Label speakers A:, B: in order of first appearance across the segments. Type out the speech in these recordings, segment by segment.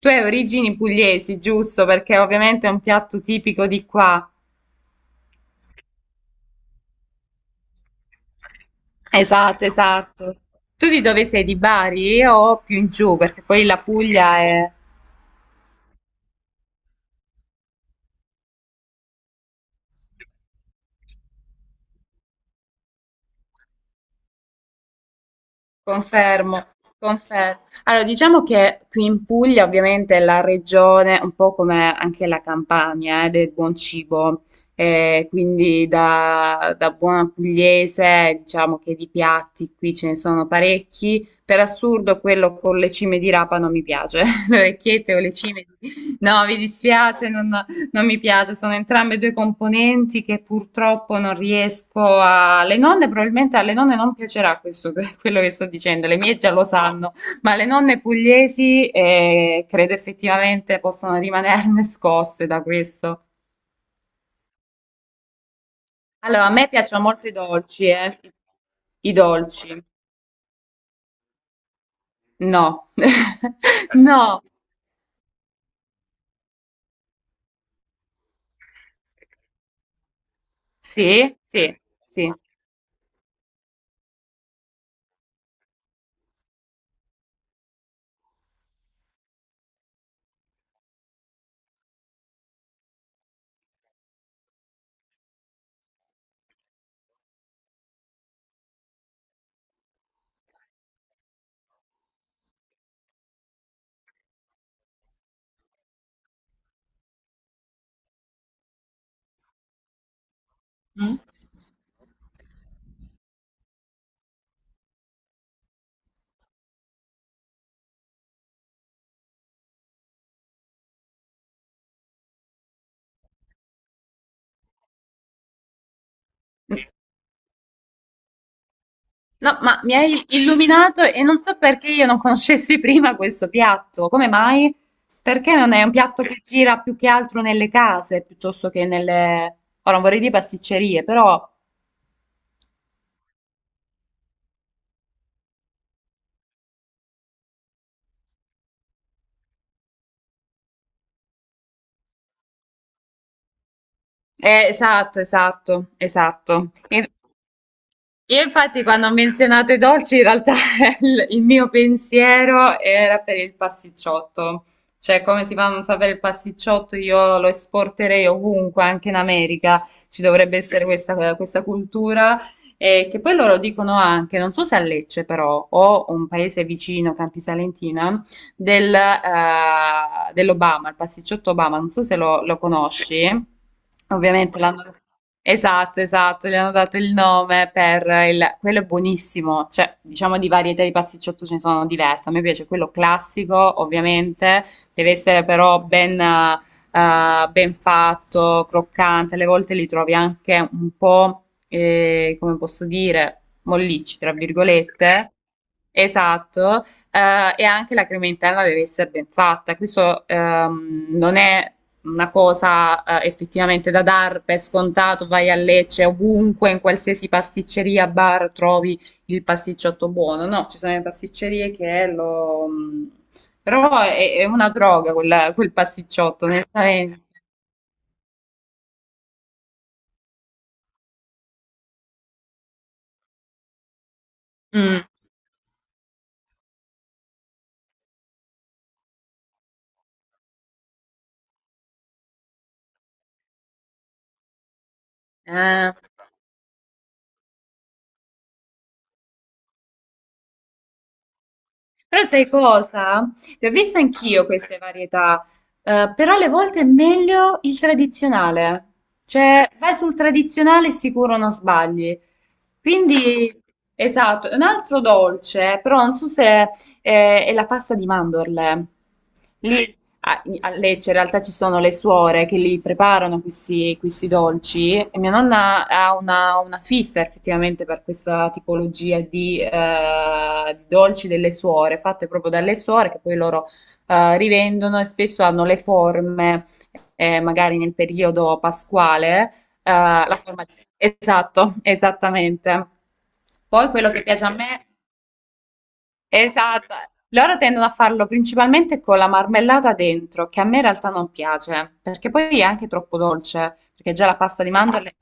A: Tu hai origini pugliesi, giusto? Perché ovviamente è un piatto tipico di qua. Esatto, esatto. Tu di dove sei? Di Bari o più in giù? Perché poi la Puglia è... Confermo, confer Allora, diciamo che qui in Puglia ovviamente è la regione, un po' come anche la Campania, del buon cibo. Quindi da buona pugliese diciamo che di piatti qui ce ne sono parecchi. Per assurdo quello con le cime di rapa non mi piace, le orecchiette o le cime di... No, mi dispiace, non mi piace, sono entrambe due componenti che purtroppo non riesco a... Le nonne, probabilmente alle nonne non piacerà questo, quello che sto dicendo, le mie già lo sanno, ma le nonne pugliesi credo effettivamente possono rimanerne scosse da questo. Allora, a me piacciono molto i dolci, eh. I dolci. No. No. Sì, sì, sì. Mm? No, ma mi hai illuminato e non so perché io non conoscessi prima questo piatto. Come mai? Perché non è un piatto che gira più che altro nelle case piuttosto che nelle... Ora non vorrei dire pasticcerie, però... Esatto, esatto, esatto. E- Io infatti quando ho menzionato i dolci, in realtà il mio pensiero era per il pasticciotto. Cioè, come si fa a non sapere il pasticciotto? Io lo esporterei ovunque, anche in America. Ci dovrebbe essere questa cultura. Che poi loro dicono anche, non so se a Lecce però, o un paese vicino, Campi Salentina, dell'Obama, il pasticciotto Obama, non so se lo conosci. Ovviamente l'hanno... Esatto, esatto, gli hanno dato il nome per il... quello è buonissimo, cioè diciamo di varietà di pasticciotto ce ne sono diverse, a me piace quello classico ovviamente, deve essere però ben fatto, croccante, alle volte li trovi anche un po', come posso dire, mollicci, tra virgolette. Esatto, e anche la crema interna deve essere ben fatta. Questo Non è una cosa effettivamente da dar per scontato. Vai a Lecce, ovunque, in qualsiasi pasticceria, bar, trovi il pasticciotto buono. No, ci sono le pasticcerie che lo... Però è una droga quella- quel pasticciotto, onestamente. Mm. Eh. Però sai cosa? Le ho viste anch'io queste varietà, però alle volte è meglio il tradizionale. Cioè, vai sul tradizionale sicuro non sbagli. Quindi, esatto, un altro dolce, però non so se è la pasta di mandorle. Lì a Lecce in realtà ci sono le suore che li preparano questi dolci e mia nonna ha una fissa effettivamente per questa tipologia di dolci delle suore, fatte proprio dalle suore che poi loro rivendono e spesso hanno le forme, magari nel periodo pasquale, la forma di... Esatto, esattamente. Poi quello che piace a me Esatto, loro tendono a farlo principalmente con la marmellata dentro, che a me in realtà non piace, perché poi è anche troppo dolce, perché già la pasta di mandorle...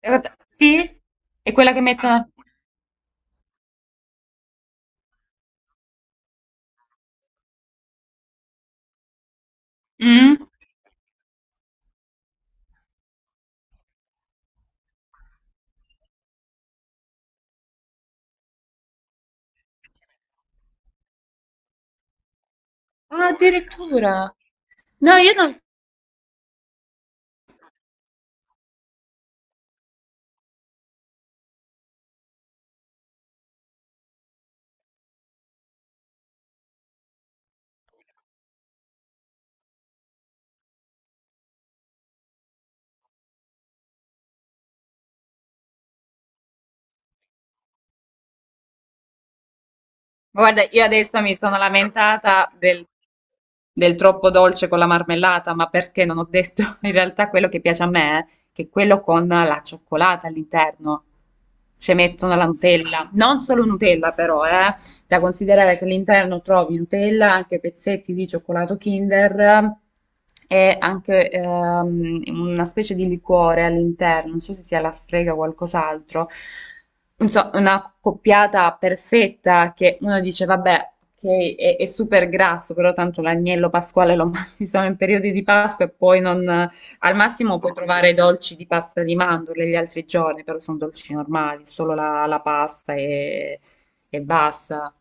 A: Eh, sì, è quella che mettono... Mm? Ah, addirittura. No, io non... Guarda, io adesso mi sono lamentata del troppo dolce con la marmellata, ma perché non ho detto in realtà quello che piace a me, che è quello con la cioccolata all'interno. Ci mettono la Nutella, non solo Nutella però, eh. Da considerare che all'interno trovi Nutella, anche pezzetti di cioccolato Kinder, e anche una specie di liquore all'interno, non so se sia la strega o qualcos'altro. Insomma, una coppiata perfetta che uno dice, vabbè, è super grasso, però tanto l'agnello pasquale lo mangi solo in periodi di Pasqua e poi non, al massimo puoi trovare dolci di pasta di mandorle gli altri giorni, però sono dolci normali, solo la pasta e basta.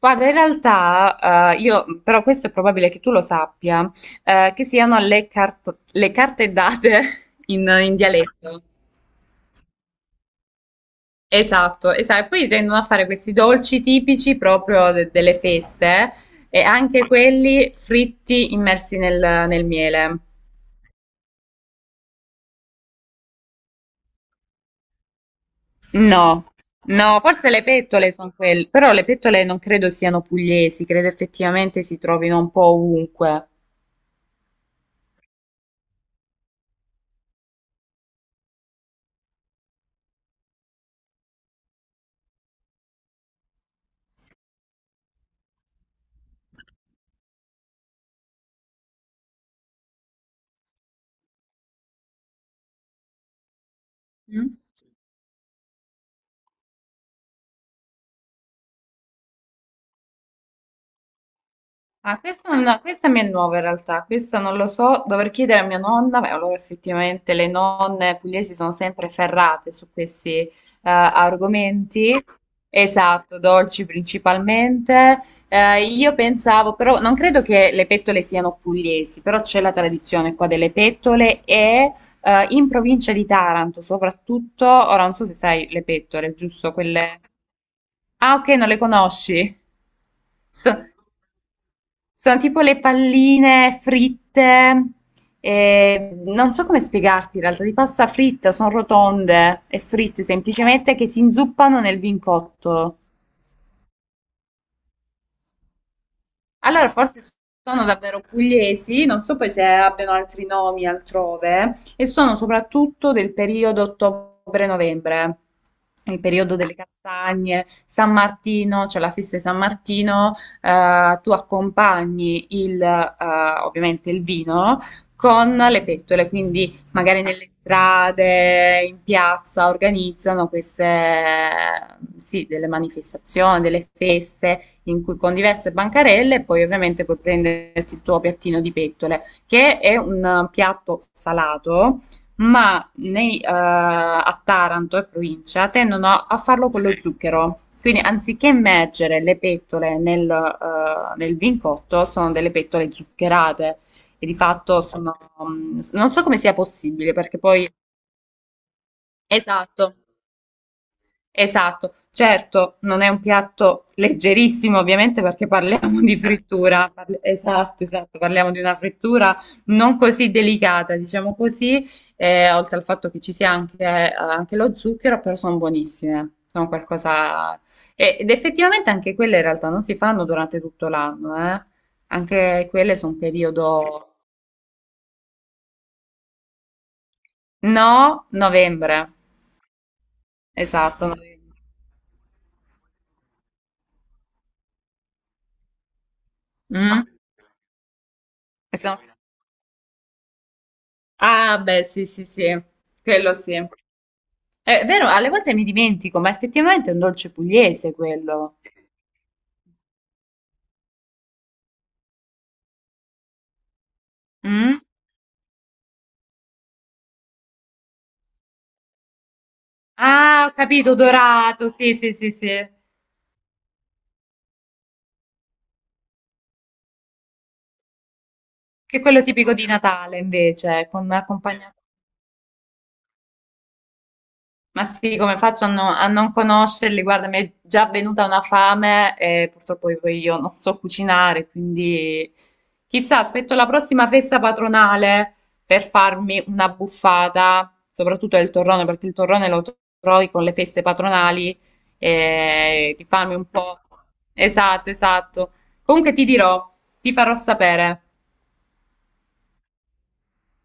A: Guarda, in realtà, io, però questo è probabile che tu lo sappia, che siano le, cart- le carte date in dialetto. Esatto, esatto. E poi tendono a fare questi dolci tipici proprio de- delle feste e anche quelli fritti immersi nel, nel miele. No, no, forse le pettole sono quelle, però le pettole non credo siano pugliesi, credo effettivamente si trovino un po' ovunque. Mm? Ah, questo non- no, questa mi è nuova in realtà, questa non lo so, dovrei chiedere a mia nonna. Beh, allora effettivamente le nonne pugliesi sono sempre ferrate su questi argomenti, esatto, dolci principalmente. Io pensavo, però non credo che le pettole siano pugliesi, però c'è la tradizione qua delle pettole e in provincia di Taranto soprattutto. Ora non so se sai le pettole, giusto? Quelle... Ah, ok, non le conosci. So- sono tipo le palline fritte, non so come spiegarti in realtà, di pasta fritta, sono rotonde e fritte semplicemente che si inzuppano nel vin cotto. Allora, forse sono davvero pugliesi, non so poi se abbiano altri nomi altrove, e sono soprattutto del periodo ottobre-novembre, il periodo delle castagne, San Martino, c'è la festa di San Martino, tu accompagni ovviamente il vino con le pettole, quindi magari nelle strade, in piazza organizzano queste, sì, delle manifestazioni, delle feste in cui con diverse bancarelle e poi ovviamente puoi prenderti il tuo piattino di pettole, che è un piatto salato, ma nei, a Taranto e provincia tendono a farlo con lo zucchero. Quindi anziché immergere le pettole nel, nel vincotto, sono delle pettole zuccherate e di fatto sono, non so come sia possibile perché poi... Esatto. Esatto, certo, non è un piatto leggerissimo ovviamente perché parliamo di frittura, parli- esatto, esatto, parliamo di una frittura non così delicata, diciamo così, oltre al fatto che ci sia anche, anche lo zucchero, però sono buonissime, sono qualcosa... e- Ed effettivamente anche quelle in realtà non si fanno durante tutto l'anno, eh. Anche quelle sono un periodo... No, novembre, esatto, novembre. Mm? Ah, beh, sì, sì, sì, quello sì. È vero, alle volte mi dimentico, ma effettivamente è un dolce pugliese quello. Mm? Ah, ho capito, dorato, sì, sì, sì, sì. Che è quello tipico di Natale, invece, con accompagnato Ma sì, come faccio no- a non conoscerli? Guarda, mi è già venuta una fame e purtroppo poi io non so cucinare, quindi chissà, aspetto la prossima festa patronale per farmi una buffata, soprattutto del torrone, perché il torrone lo trovi con le feste patronali, e di farmi un po'. Esatto, esatto. Comunque ti dirò, ti farò sapere.